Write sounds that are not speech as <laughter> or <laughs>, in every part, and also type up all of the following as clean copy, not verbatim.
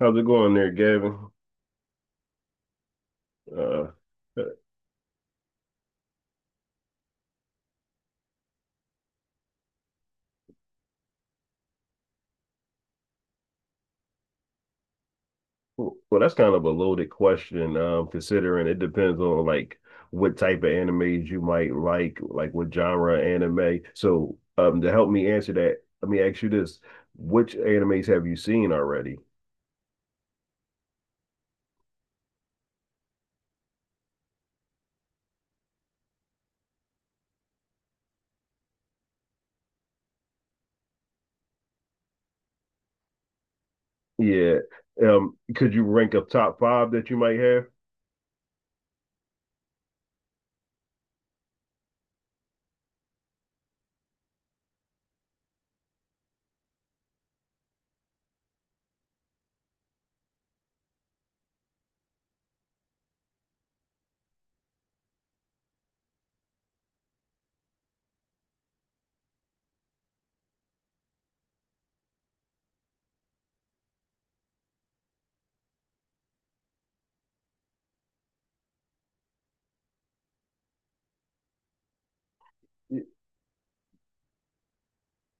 How's it going there, Gavin? Uh, uh, well, that's kind of a loaded question, considering it depends on like what type of animes you might like what genre anime. So, to help me answer that, let me ask you this: Which animes have you seen already? Yeah. Could you rank a top five that you might have?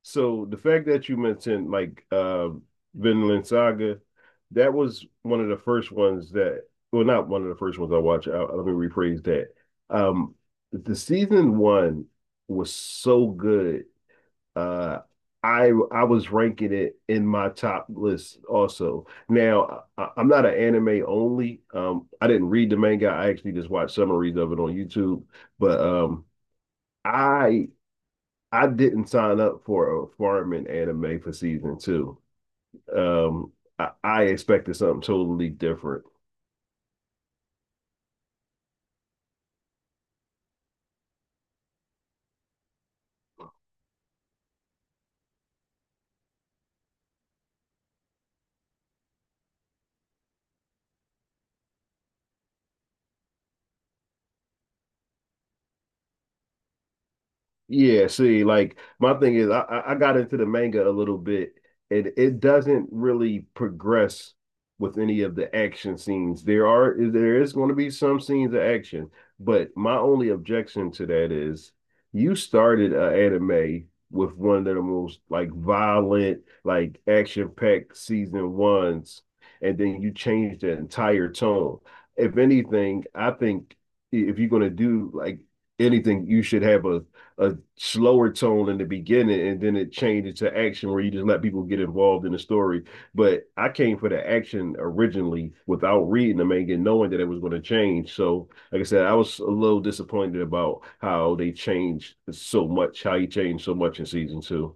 So the fact that you mentioned like Vinland Saga, that was one of the first ones that, well, not one of the first ones I watched. Let me rephrase that. Um the season one was so good. Uh I was ranking it in my top list also. Now I'm not an anime only. I didn't read the manga. I actually just watched summaries of it on YouTube. But I I didn't sign up for a farming anime for season two. Um, I expected something totally different. Yeah, see, like my thing is, I got into the manga a little bit, and it doesn't really progress with any of the action scenes. There is going to be some scenes of action, but my only objection to that is you started an anime with one of the most like violent, like action-packed season ones, and then you changed the entire tone. If anything, I think if you're going to do like anything, you should have a slower tone in the beginning and then it changes to action where you just let people get involved in the story. But I came for the action originally without reading the manga and knowing that it was going to change. So, like I said, I was a little disappointed about how they changed so much, how he changed so much in season two.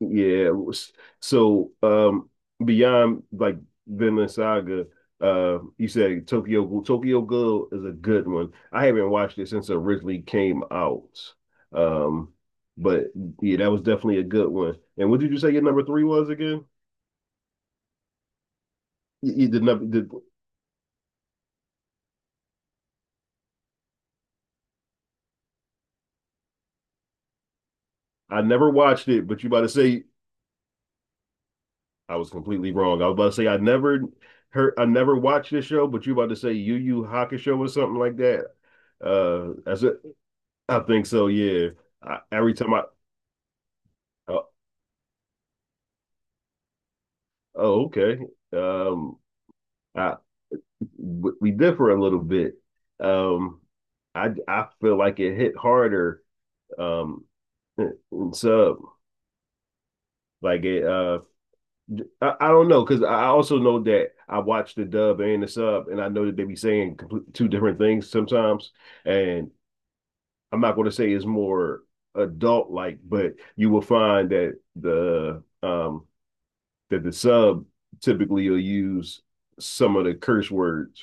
Yeah. So, beyond like Vinland Saga, you said Tokyo Ghoul. Tokyo Ghoul is a good one. I haven't watched it since it originally came out. Um, but yeah, that was definitely a good one. And what did you say your number three was again? You did not. I never watched it, but you about to say I was completely wrong. I was about to say I never watched this show, but you about to say Yu Yu Hakusho or something like that. That's it. I think so. Yeah. I, every time I, Oh, oh, okay. Um, I we differ a little bit. Um, I feel like it hit harder. Um, in sub like it. I don't know because I also know that I watch the dub and the sub, and I know that they be saying two different things sometimes. And I'm not going to say it's more adult like, but you will find that the sub typically will use some of the curse words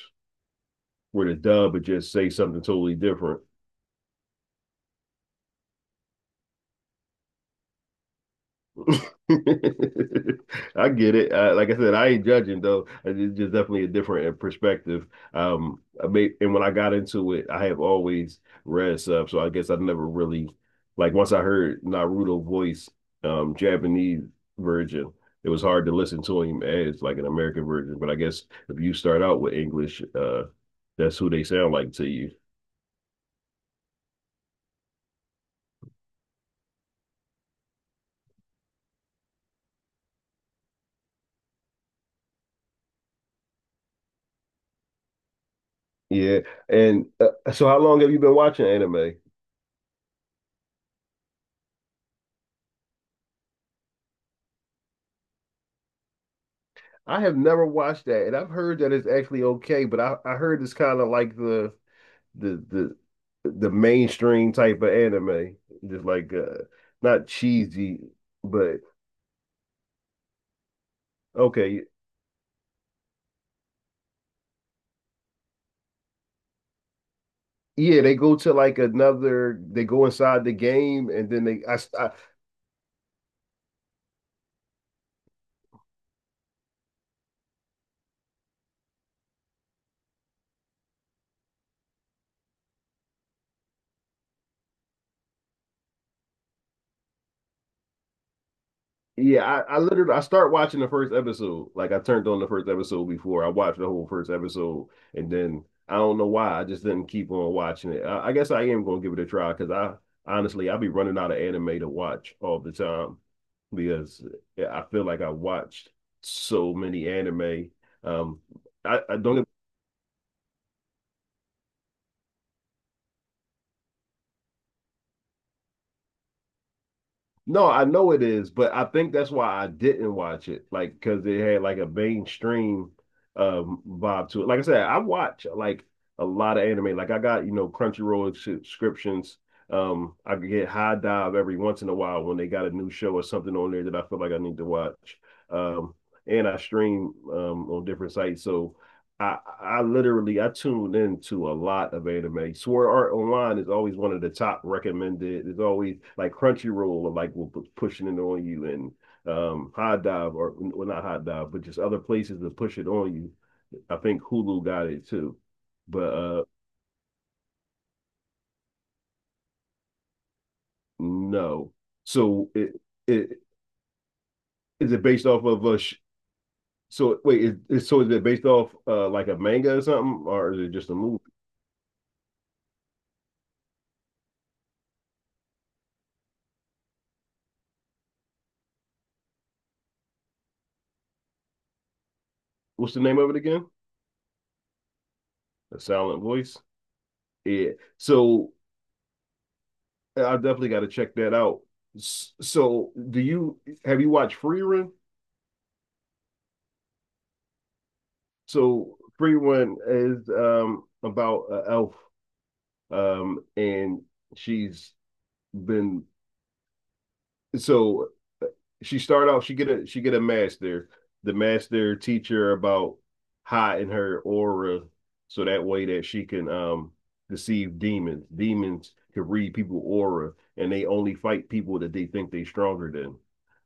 where the dub would just say something totally different. <laughs> I get it. Like I said, I ain't judging though. It's just definitely a different perspective. And when I got into it, I have always read stuff, so I guess I never really like once I heard Naruto voice, Japanese version. It was hard to listen to him as like an American version, but I guess if you start out with English, that's who they sound like to you. Yeah. And so, how long have you been watching anime? I have never watched that, and I've heard that it's actually okay, but I heard it's kind of like the the mainstream type of anime, just like not cheesy, but okay. Yeah, they go to like another. They go inside the game, and then they. I Yeah, I literally I start watching the first episode. Like I turned on the first episode before I watched the whole first episode, and then I don't know why I just didn't keep on watching it. I guess I am gonna give it a try because I honestly I be running out of anime to watch all the time because yeah, I feel like I watched so many anime. Um, I don't No, I know it is, but I think that's why I didn't watch it. Like, because it had like a mainstream vibe to it. Like I said, I watch like a lot of anime. Like I got Crunchyroll subscriptions. I could get High Dive every once in a while when they got a new show or something on there that I feel like I need to watch. Um, and I stream on different sites. So I tuned into a lot of anime. Sword Art Online is always one of the top recommended. It's always like Crunchyroll or like will pushing it on you, and Hot Dive or, well, not Hot Dive, but just other places to push it on you. I think Hulu got it too, but no. So it is it based off of a sh so wait, is it based off like a manga or something, or is it just a movie? What's the name of it again? A Silent Voice. Yeah. So I definitely got to check that out. So, do you have you watched Free Run? So, Free Run is about an elf, and she's been so, uh, she started out, she get a master, the master teacher about hiding her aura, so that way that she can deceive demons. Demons can read people aura, and they only fight people that they think they are stronger than.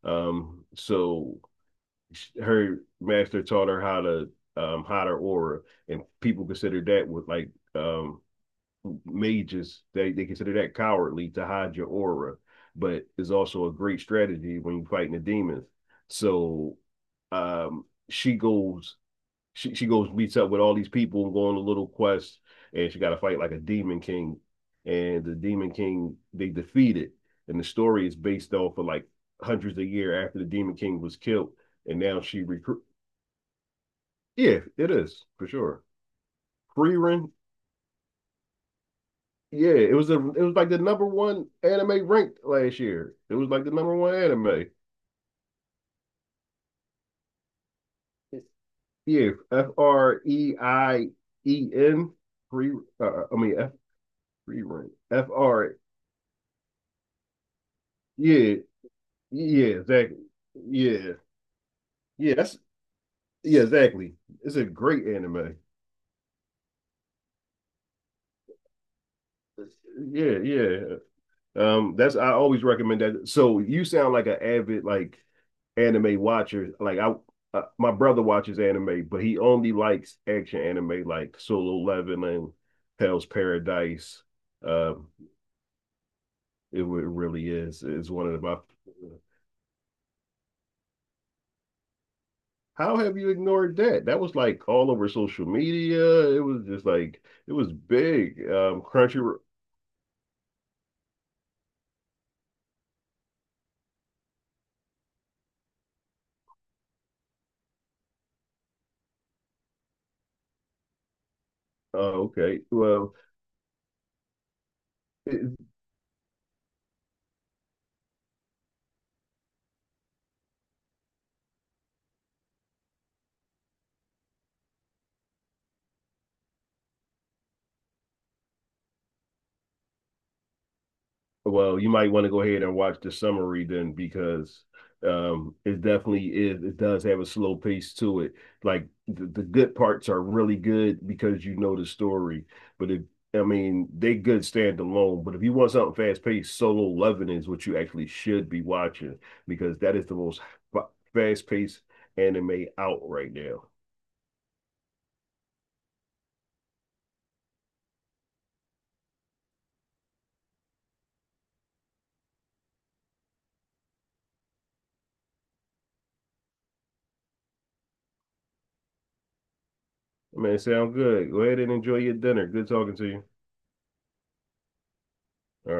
So her master taught her how to, hide her aura, and people consider that with like, um, mages, they consider that cowardly to hide your aura, but it's also a great strategy when you're fighting the demons. So, she goes, meets up with all these people and go on a little quest, and she got to fight like a demon king, and the demon king they defeat it, and the story is based off of like hundreds of year after the demon king was killed, and now she recruit. Yeah, it is for sure. Freerun. Yeah, it was like the number one anime ranked last year. It was like the number one anime. Yeah, Freien, free. I mean F, free, F R. Yeah, yeah, exactly. Yeah, yeah, that's yeah, exactly. It's a great anime. Yeah, yeah. That's I always recommend that. So you sound like an avid like anime watcher. My brother watches anime, but he only likes action anime like Solo Leveling, Hell's Paradise. Um, it, really is. It's one of my How have you ignored that? That was like all over social media. It was just like it was big. Crunchy. Okay. It, Well, you might want to go ahead and watch the summary then because it definitely is it does have a slow pace to it. Like the good parts are really good because you know the story. But if I mean they good stand alone, but if you want something fast paced, Solo Leveling is what you actually should be watching because that is the most fast paced anime out right now. Man, sound good. Go ahead and enjoy your dinner. Good talking to you. All right.